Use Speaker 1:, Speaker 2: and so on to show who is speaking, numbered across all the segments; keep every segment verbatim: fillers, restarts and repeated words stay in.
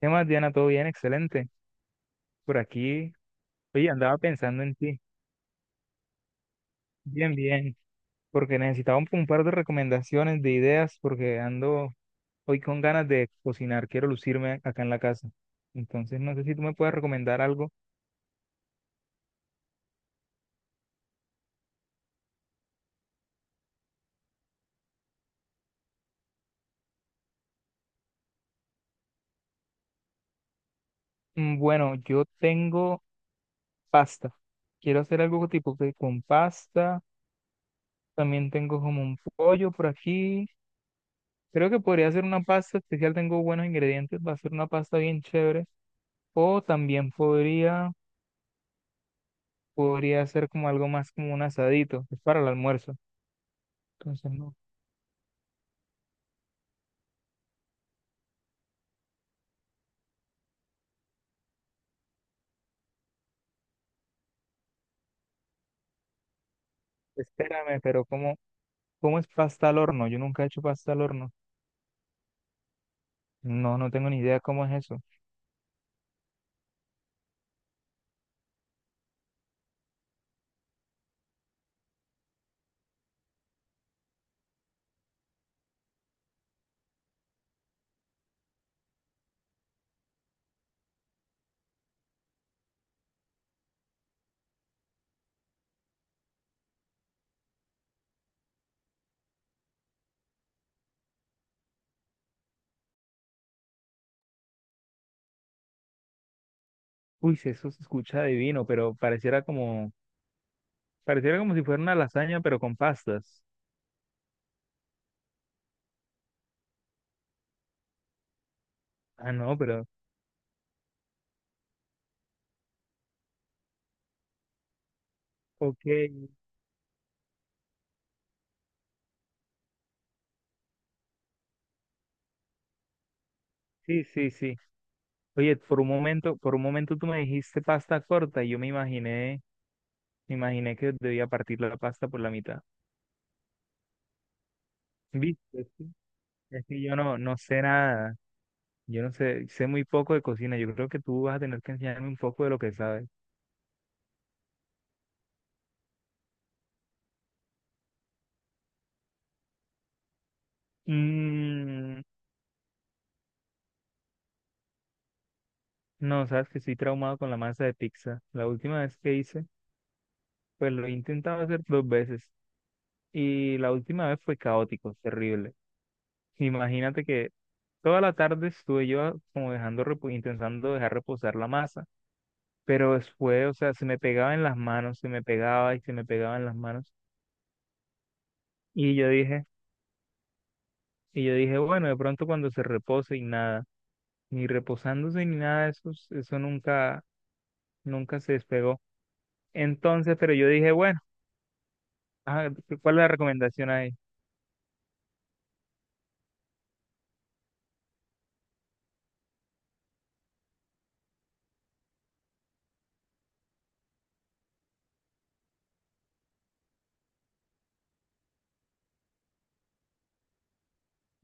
Speaker 1: ¿Qué más, Diana? ¿Todo bien? Excelente. Por aquí, oye, andaba pensando en ti. Bien, bien. Porque necesitaba un, un par de recomendaciones, de ideas, porque ando hoy con ganas de cocinar. Quiero lucirme acá en la casa. Entonces, no sé si tú me puedes recomendar algo. Mm, Bueno, yo tengo pasta. Quiero hacer algo tipo que con pasta. También tengo como un pollo por aquí. Creo que podría hacer una pasta especial. Tengo buenos ingredientes. Va a ser una pasta bien chévere. O también podría... podría ser como algo más como un asadito, es para el almuerzo. Entonces, no, espérame, pero ¿cómo, ¿cómo es pasta al horno? Yo nunca he hecho pasta al horno. No, no tengo ni idea cómo es eso. Uy, sí, eso se escucha divino, pero pareciera como, pareciera como si fuera una lasaña, pero con pastas. Ah, no, pero, ok, sí, sí, sí. Oye, por un momento, por un momento tú me dijiste pasta corta y yo me imaginé, me imaginé que debía partir la pasta por la mitad. ¿Viste? Es que es que yo no, no sé nada. Yo no sé, sé muy poco de cocina. Yo creo que tú vas a tener que enseñarme un poco de lo que sabes. Mm, no, sabes que estoy traumado con la masa de pizza. La última vez que hice, pues lo he intentado hacer dos veces. Y la última vez fue caótico, terrible. Imagínate que toda la tarde estuve yo como dejando, repo- intentando dejar reposar la masa. Pero después, o sea, se me pegaba en las manos, se me pegaba y se me pegaba en las manos. Y yo dije, y yo dije, bueno, de pronto cuando se repose y nada. Ni reposándose ni nada de eso, eso nunca, nunca se despegó. Entonces, pero yo dije, bueno, ah, ¿cuál es la recomendación ahí?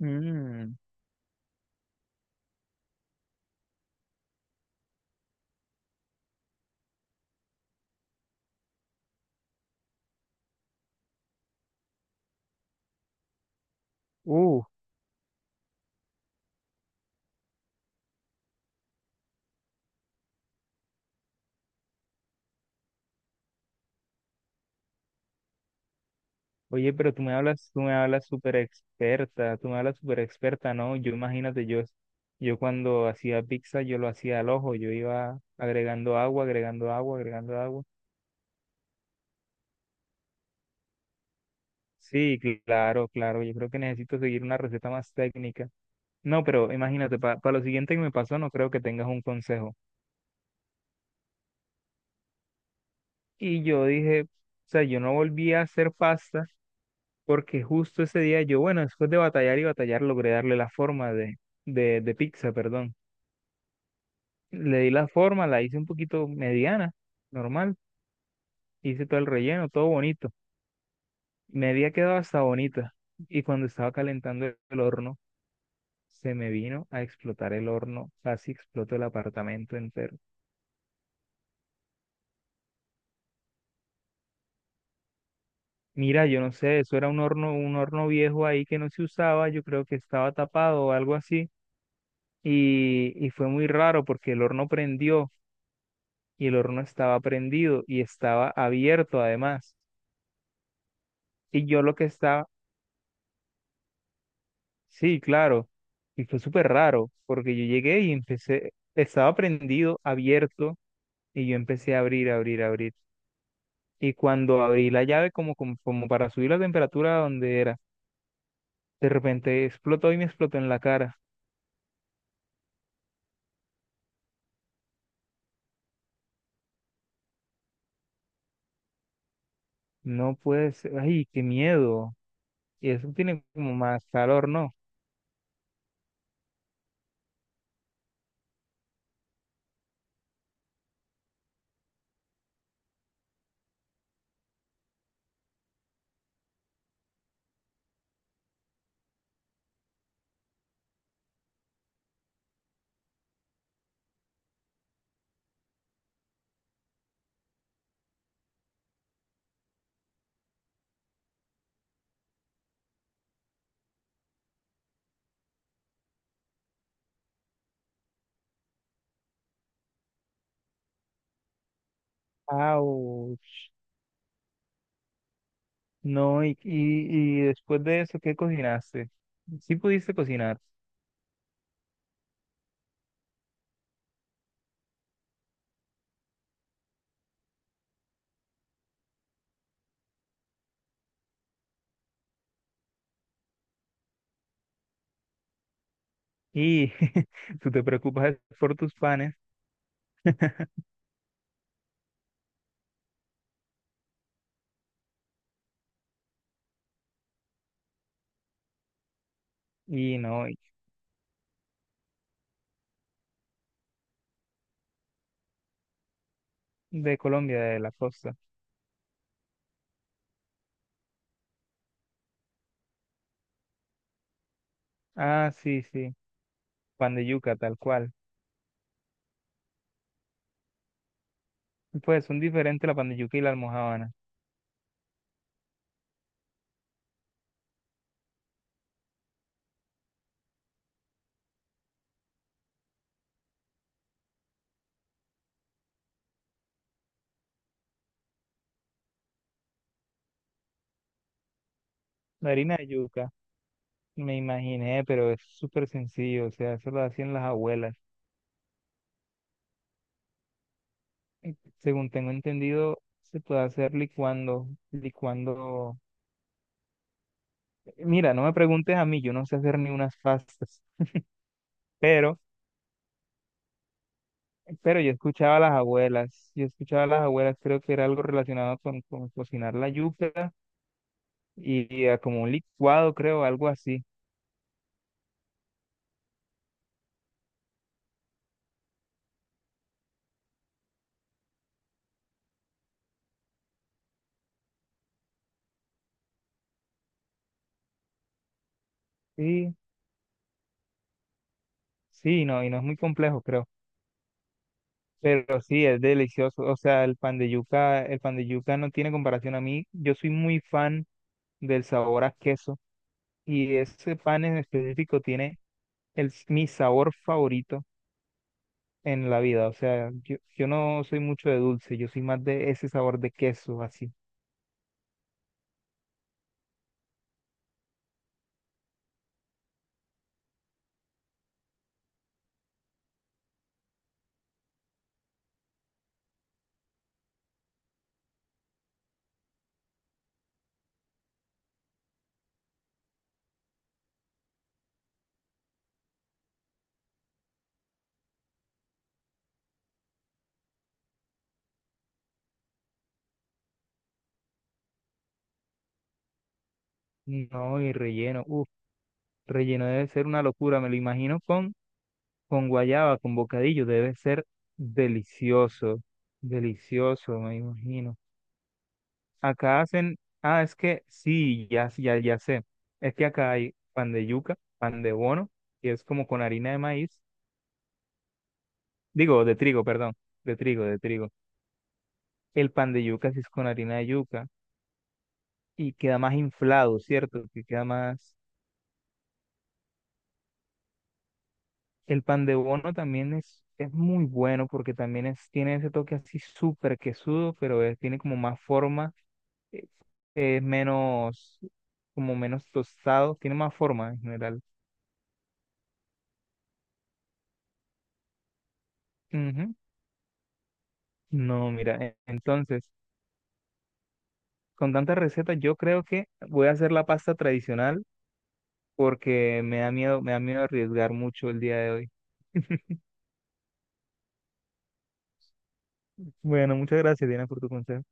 Speaker 1: Mm, uh, oye, pero tú me hablas, tú me hablas súper experta, tú me hablas súper experta, ¿no? Yo imagínate, yo, yo cuando hacía pizza, yo lo hacía al ojo, yo iba agregando agua, agregando agua, agregando agua. Sí, claro, claro, yo creo que necesito seguir una receta más técnica. No, pero imagínate, para lo siguiente que me pasó, no creo que tengas un consejo. Y yo dije, o sea, yo no volví a hacer pasta porque justo ese día yo, bueno, después de batallar y batallar, logré darle la forma de, de, de pizza, perdón. Le di la forma, la hice un poquito mediana, normal. Hice todo el relleno, todo bonito. Me había quedado hasta bonita. Y cuando estaba calentando el horno, se me vino a explotar el horno. Casi explotó el apartamento entero. Mira, yo no sé, eso era un horno, un horno viejo ahí que no se usaba. Yo creo que estaba tapado o algo así y, y fue muy raro porque el horno prendió y el horno estaba prendido y estaba abierto además. Y yo lo que estaba, sí, claro, y fue súper raro porque yo llegué y empecé, estaba prendido, abierto y yo empecé a abrir, abrir, abrir. Y cuando abrí la llave como, como, como para subir la temperatura a donde era, de repente explotó y me explotó en la cara. No puede ser, ay, qué miedo. Y eso tiene como más calor, ¿no? ¡Auch! No, y, y, y después de eso, ¿qué cocinaste? Sí pudiste cocinar. Y tú te preocupas por tus panes. Y no, y de Colombia, de la costa. Ah, sí, sí. Pan de yuca, tal cual. Pues son diferentes la pan de yuca y la almojábana. La harina de yuca, me imaginé, pero es súper sencillo. O sea, eso lo hacían las abuelas. Y según tengo entendido, se puede hacer licuando, licuando. Mira, no me preguntes a mí, yo no sé hacer ni unas pastas. Pero Pero yo escuchaba a las abuelas, yo escuchaba a las abuelas, creo que era algo relacionado con, con cocinar la yuca y, y a como un licuado, creo, algo así. Sí, sí, no, y no es muy complejo, creo. Pero sí, es delicioso. O sea, el pan de yuca, el pan de yuca no tiene comparación a mí. Yo soy muy fan del sabor a queso y ese pan en específico tiene el, mi sabor favorito en la vida. O sea, yo, yo no soy mucho de dulce, yo soy más de ese sabor de queso, así. No, y relleno. Uf. Relleno debe ser una locura, me lo imagino con, con guayaba, con bocadillo, debe ser delicioso, delicioso, me imagino. Acá hacen, ah, es que sí, ya, ya, ya sé, es que acá hay pan de yuca, pan de bono, que es como con harina de maíz, digo, de trigo, perdón, de trigo, de trigo. El pan de yuca sí es con harina de yuca y queda más inflado, ¿cierto? Que queda más el pan de bono también es, es muy bueno porque también es, tiene ese toque así súper quesudo, pero es- tiene como más forma, eh, es menos, como menos tostado, tiene más forma en general. Ujú. No, mira, e- entonces, con tantas recetas yo creo que voy a hacer la pasta tradicional porque me da miedo, me da miedo arriesgar mucho el día de hoy. Bueno, muchas gracias, Diana, por tu consejo.